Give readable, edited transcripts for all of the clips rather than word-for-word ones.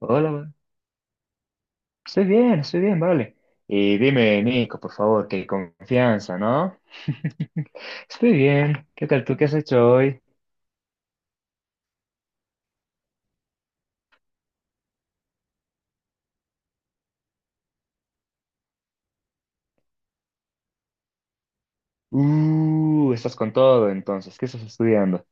Hola, ma. Estoy bien, estoy bien, vale. Y dime, Nico, por favor, qué confianza, ¿no? Estoy bien. ¿Qué tal tú? ¿Qué has hecho hoy? Estás con todo, entonces. ¿Qué estás estudiando?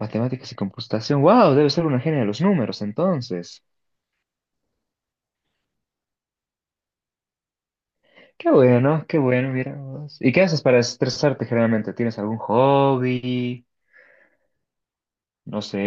Matemáticas y computación. ¡Wow! Debe ser una genia de los números, entonces. Qué bueno, mira vos. ¿Y qué haces para estresarte generalmente? ¿Tienes algún hobby? No sé.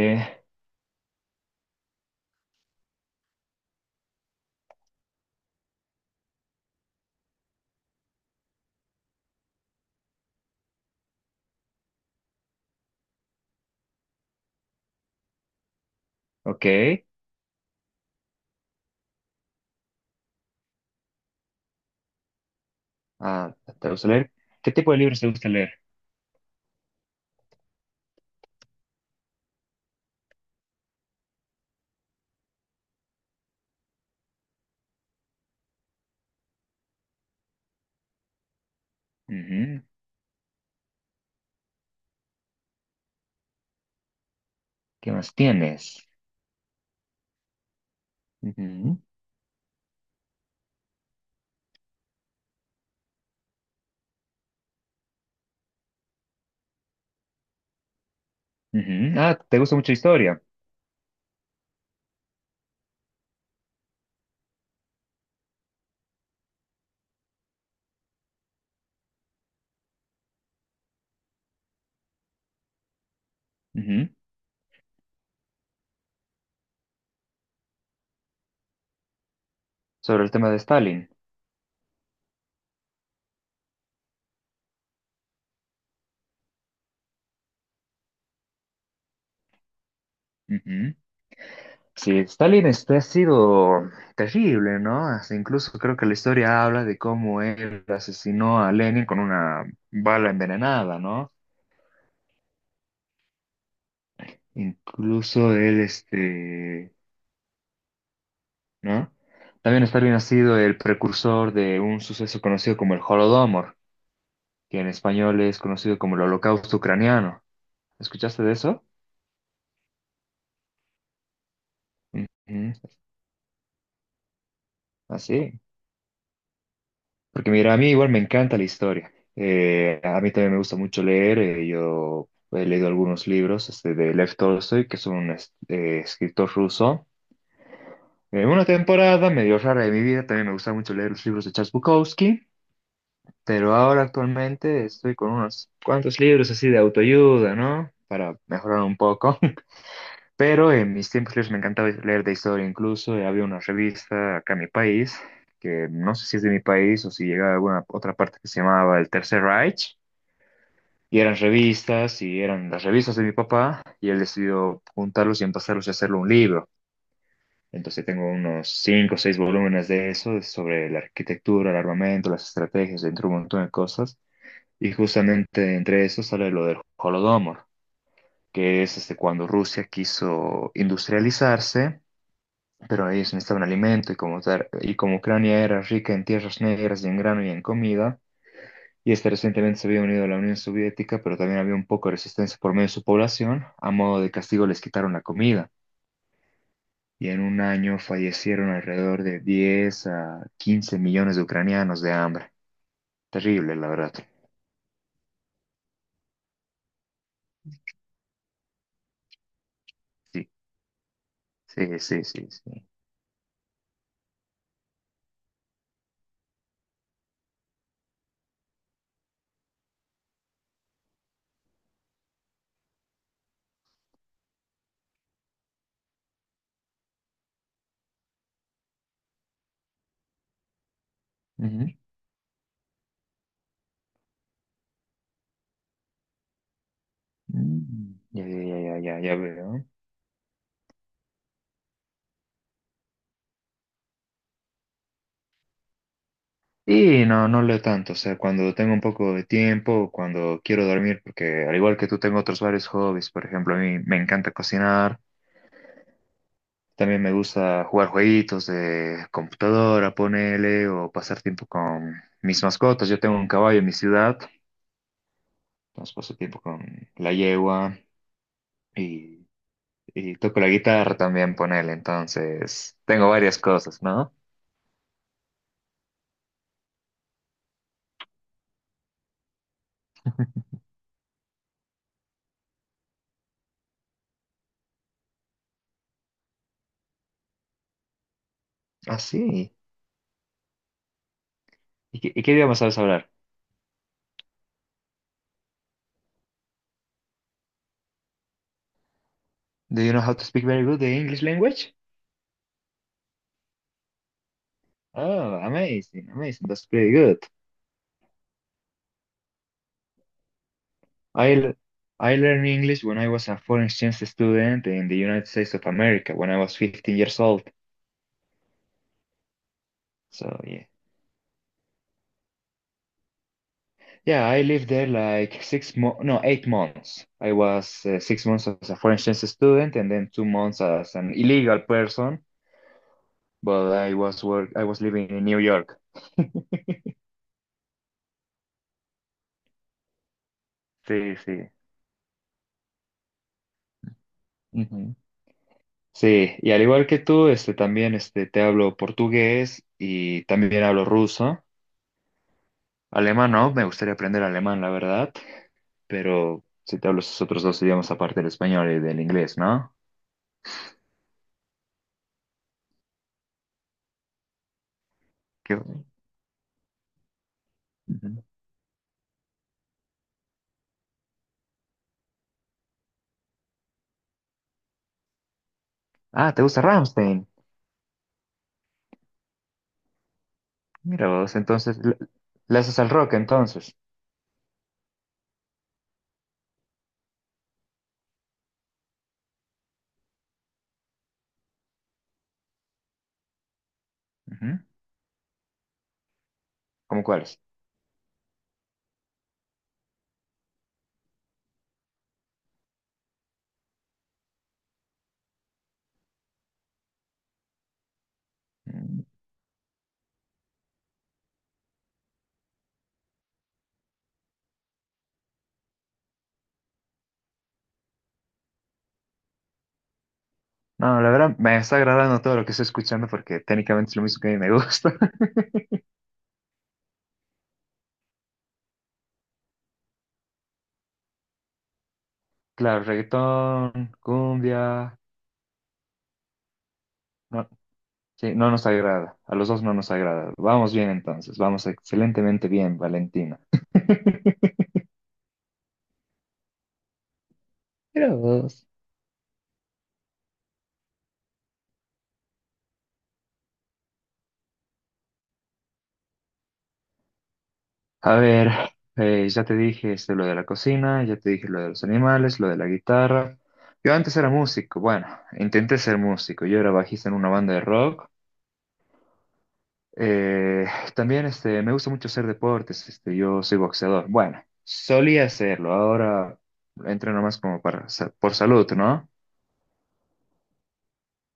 Ok. Ah, ¿te gusta leer? ¿Qué tipo de libros te gusta leer? Ujú. ¿Qué más tienes? Ujú. Ujú. Ah, ¿te gusta mucho historia? Ujú. Sobre el tema de Stalin. Ujú. Sí, Stalin este ha sido terrible, ¿no? Hasta incluso creo que la historia habla de cómo él asesinó a Lenin con una bala envenenada, ¿no? Incluso él, este, ¿no? También Stalin ha sido el precursor de un suceso conocido como el Holodomor, que en español es conocido como el Holocausto Ucraniano. ¿Escuchaste de eso? Ujú. Así. Porque mira, a mí igual me encanta la historia. A mí también me gusta mucho leer. Yo he leído algunos libros este, de Lev Tolstoy, que es un escritor ruso. En una temporada medio rara de mi vida también me gusta mucho leer los libros de Charles Bukowski, pero ahora actualmente estoy con unos cuantos libros así de autoayuda, ¿no? Para mejorar un poco. Pero en mis tiempos libres me encantaba leer de historia, incluso había una revista acá en mi país, que no sé si es de mi país o si llega de alguna otra parte que se llamaba El Tercer Reich, y eran revistas, y eran las revistas de mi papá, y él decidió juntarlos y empezarlos a hacerlo un libro. Entonces tengo unos 5 o 6 volúmenes de eso, sobre la arquitectura, el armamento, las estrategias, entre un montón de cosas, y justamente entre eso sale lo del Holodomor, que es este, cuando Rusia quiso industrializarse pero ellos necesitaban alimento y como, y como Ucrania era rica en tierras negras y en grano y en comida, y este recientemente se había unido a la Unión Soviética, pero también había un poco de resistencia por medio de su población, a modo de castigo les quitaron la comida. Y en un año fallecieron alrededor de 10 a 15 millones de ucranianos de hambre. Terrible, la verdad. Sí, sí, sí, sí, sí. Ujú. Mm. Ya, ya, ya, ya, ya, ya veo. Y no, no leo tanto, o sea, cuando tengo un poco de tiempo, cuando quiero dormir, porque al igual que tú tengo otros varios hobbies, por ejemplo, a mí me encanta cocinar, también me gusta jugar jueguitos de computadora, ponele, o pasar tiempo con mis mascotas. Yo tengo un caballo en mi ciudad, entonces paso tiempo con la yegua y, y toco la guitarra también, ponele, entonces tengo varias cosas, ¿no? Ah, sí. ¿Y qué idioma sabes hablar? Do you know how to speak very good the English language? Oh, amazing, amazing. That's pretty good. I l- I learned English when I was a foreign exchange student in the United States of America when I was 15 years old. So yeah, yeah. I lived there like six mo no, 8 months. I was 6 months as a foreign exchange student and then 2 months as an illegal person. But I was living in New York. Sí, sí. Ujú. Sí, y al igual que tú, este, también este, te hablo portugués y también hablo ruso. Alemán no, me gustaría aprender alemán, la verdad, pero si te hablo esos otros dos idiomas aparte del español y del inglés, ¿no? ¿Qué- Ujú. Ah, ¿te gusta Rammstein? Mira vos, entonces, le haces al rock entonces. Ujú. ¿Cómo cuáles? Mm, no, la verdad me está agradando todo lo que estoy escuchando porque técnicamente es lo mismo que a mí me gusta. Claro, reggaetón, cumbia, no, sí, no nos agrada, a los dos no nos agrada. Vamos bien entonces, vamos excelentemente bien, Valentina. Mira vos. A ver, ya te dije este, lo de la cocina, ya te dije lo de los animales, lo de la guitarra. Yo antes era músico, bueno, intenté ser músico, yo era bajista en una banda de rock. Eh, también este, me gusta mucho hacer deportes, este, yo soy boxeador. Bueno, solía hacerlo, ahora entreno más como para, por salud, ¿no?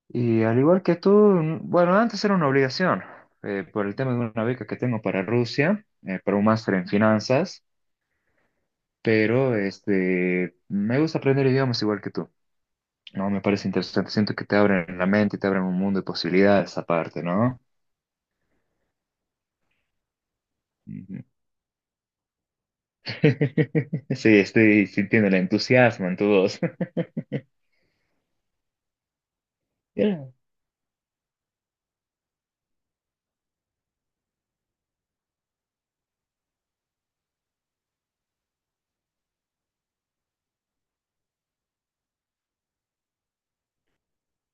Y al igual que tú, mm, bueno, antes era una obligación, por el tema de una beca que tengo para Rusia, para un máster en finanzas. Pero este, me gusta aprender idiomas igual que tú. No, me parece interesante. Siento que te abren la mente, y te abren un mundo de posibilidades aparte, ¿no? Ujú. Sí, estoy sintiendo el entusiasmo en tu voz. Yeah.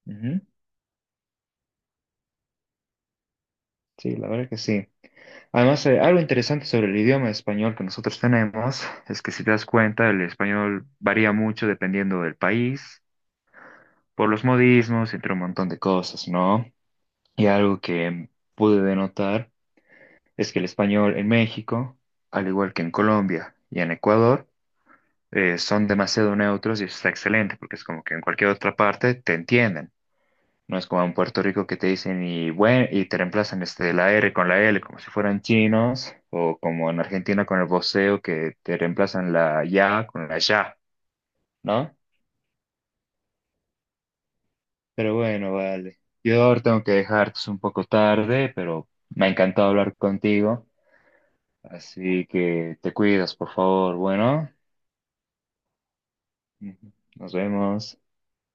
Ujú. Sí, la verdad que sí. Además, algo interesante sobre el idioma español que nosotros tenemos es que si te das cuenta, el español varía mucho dependiendo del país, por los modismos, entre un montón de cosas, ¿no? Y algo que pude denotar. Es que el español en México, al igual que en Colombia y en Ecuador, son demasiado neutros y eso está excelente, porque es como que en cualquier otra parte te entienden. No es como en Puerto Rico que te dicen y bueno, y te reemplazan este, la R con la L como si fueran chinos, o como en Argentina con el voceo que te reemplazan la ya con la ya, ¿no? Pero bueno, vale. Yo ahora tengo que dejar, que es un poco tarde, pero me ha encantado hablar contigo. Así que te cuidas, por favor. Bueno. Ujú. Nos vemos.